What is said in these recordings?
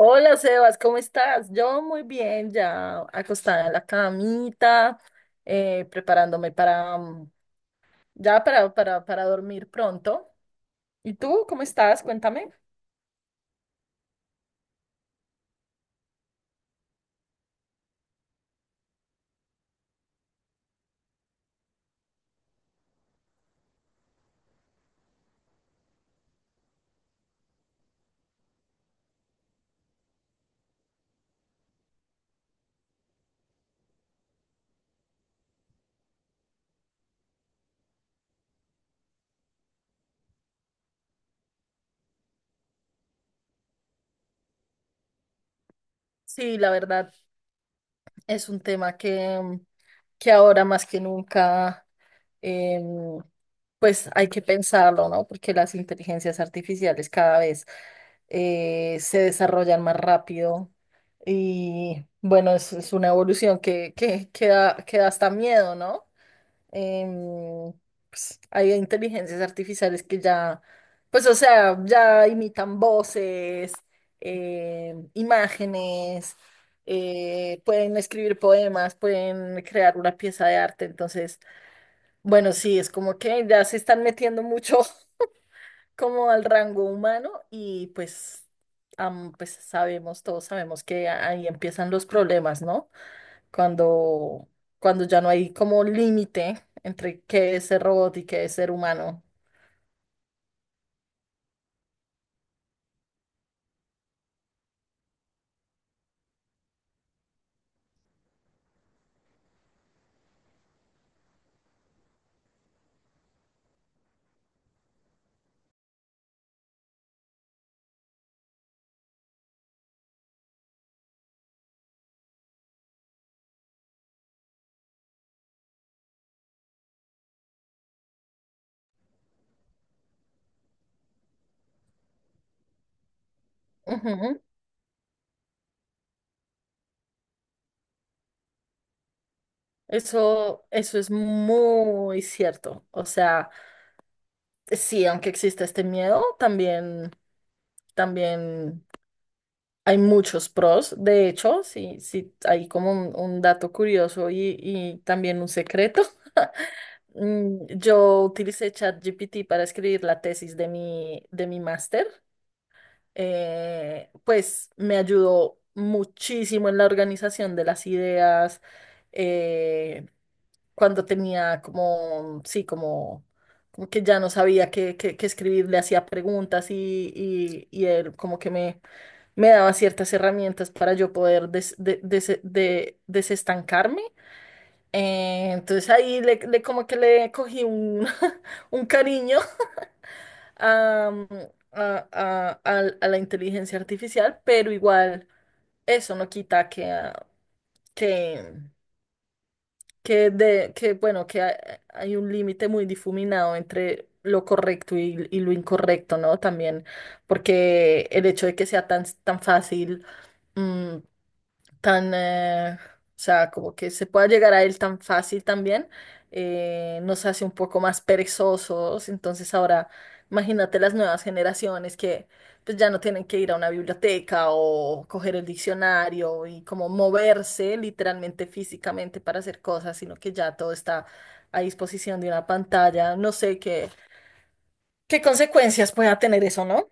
Hola Sebas, ¿cómo estás? Yo muy bien, ya acostada en la camita, preparándome para ya para dormir pronto. ¿Y tú cómo estás? Cuéntame. Sí, la verdad es un tema que que ahora más que nunca em, pues hay que pensarlo, ¿no? Porque las inteligencias artificiales cada vez se desarrollan más rápido y bueno, es una evolución que da hasta miedo, ¿no? Em, pues, hay inteligencias artificiales que ya, pues o sea, ya imitan voces, imágenes, pueden escribir poemas, pueden crear una pieza de arte, entonces... Bueno, sí, es como que ya se están metiendo mucho como al rango humano y pues sabemos, todos sabemos que ahí empiezan los problemas, ¿no? Cuando, cuando ya no hay como límite entre qué es ser robot y qué es ser humano. Ujú. Eso es muy cierto. O sea, sí, aunque existe este miedo, también, también. Hay muchos pros, de hecho, sí, sí, hay como un dato curioso y también un secreto. Yo utilicé ChatGPT para escribir la tesis de de mi máster. Pues me ayudó muchísimo en la organización de las ideas. eh, Cuando tenía como, sí, como, como que ya no sabía qué escribir, le hacía preguntas y él como que me daba ciertas herramientas para yo poder desestancarme. Entonces ahí como que le cogí un, un cariño a, a la inteligencia artificial, pero igual eso no quita que que, que bueno, que hay un límite muy difuminado entre lo correcto y lo incorrecto, ¿no? También, porque el hecho de que sea tan fácil. mm, Tan, o sea, como que se pueda llegar a él tan fácil también, nos hace un poco más perezosos. Entonces ahora, imagínate las nuevas generaciones que pues ya no tienen que ir a una biblioteca o coger el diccionario y como moverse literalmente físicamente para hacer cosas, sino que ya todo está a disposición de una pantalla. No sé qué consecuencias pueda tener eso, ¿no?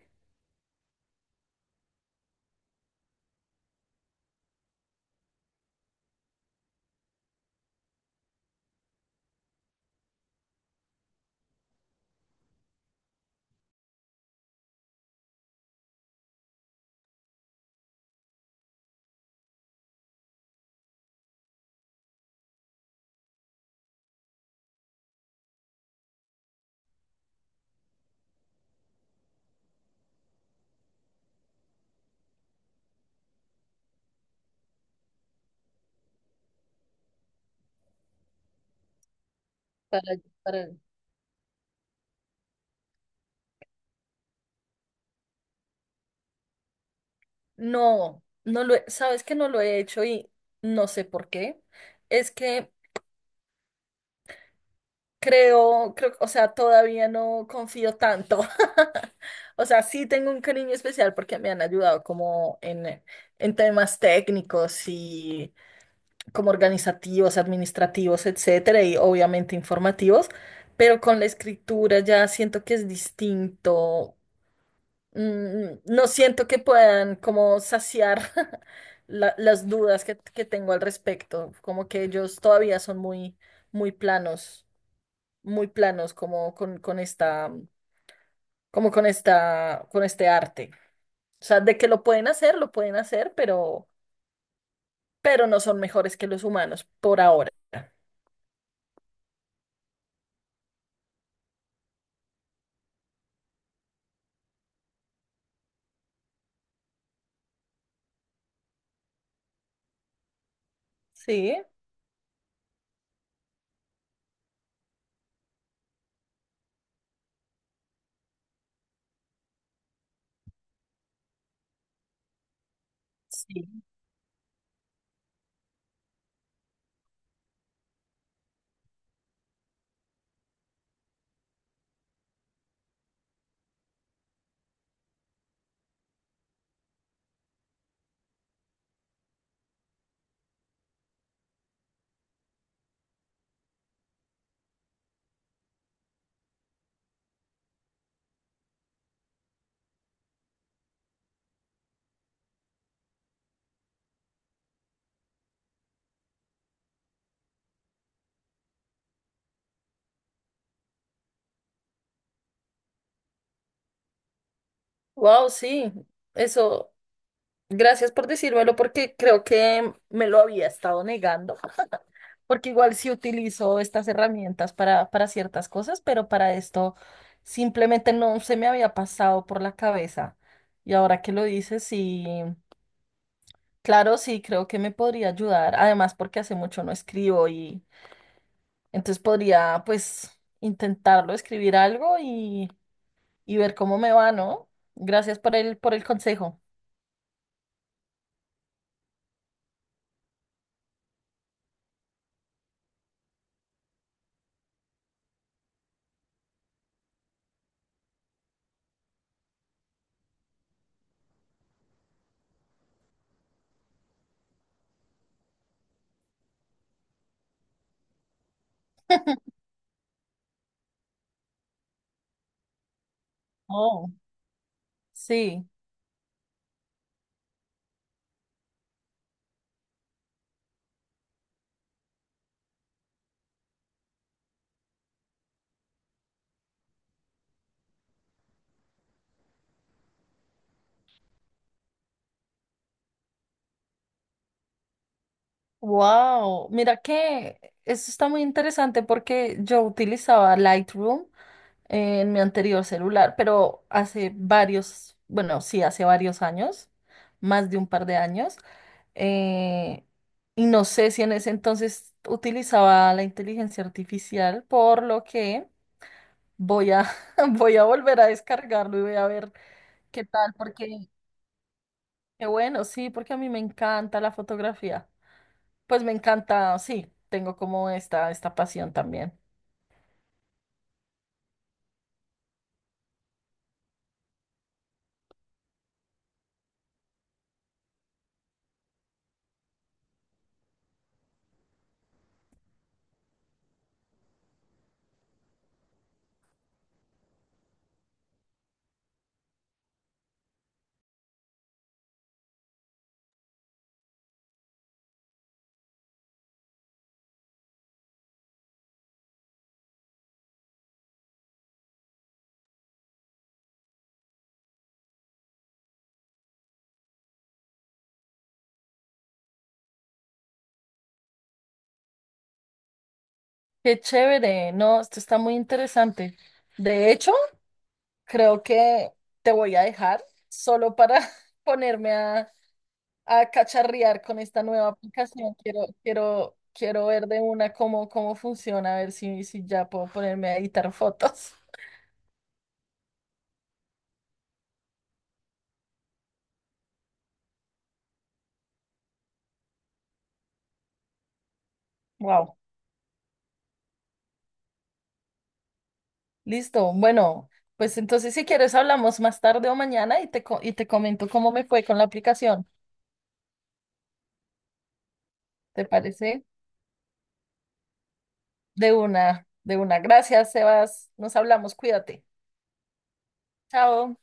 Para, para- No, sabes que no lo he hecho y no sé por qué. Es que creo, o sea, todavía no confío tanto. O sea, sí tengo un cariño especial porque me han ayudado como en temas técnicos y como organizativos, administrativos, etcétera, y obviamente informativos, pero con la escritura ya siento que es distinto. No siento que puedan como saciar las dudas que tengo al respecto, como que ellos todavía son muy, muy planos, muy planos como con esta, como con esta, con este arte. O sea, de que lo pueden hacer, pero no son mejores que los humanos por ahora. Sí. Sí. Wow, sí. Eso. Gracias por decírmelo porque creo que me lo había estado negando, porque igual sí utilizo estas herramientas para ciertas cosas, pero para esto simplemente no se me había pasado por la cabeza. Y ahora que lo dices, sí, claro, sí, creo que me podría ayudar, además porque hace mucho no escribo y entonces podría pues intentarlo, escribir algo y ver cómo me va, ¿no? Gracias por por el consejo. Oh, sí. Wow, mira que eso está muy interesante porque yo utilizaba Lightroom en mi anterior celular, pero hace varios, bueno, sí, hace varios años, más de un par de años, eh, y no sé si en ese entonces utilizaba la inteligencia artificial, por lo que voy a, voy a volver a descargarlo y voy a ver qué tal, porque, qué bueno, sí, porque a mí me encanta la fotografía. Pues me encanta, sí, tengo como esta pasión también. Qué chévere, no, esto está muy interesante. De hecho, creo que te voy a dejar solo para ponerme a cacharrear con esta nueva aplicación. Quiero, quiero, quiero ver de una cómo, cómo funciona, a ver si, si ya puedo ponerme a editar fotos. Wow, listo. Bueno, pues entonces si quieres hablamos más tarde o mañana y te, y te comento cómo me fue con la aplicación. ¿Te parece? De una, de una. Gracias, Sebas. Nos hablamos, cuídate. Chao.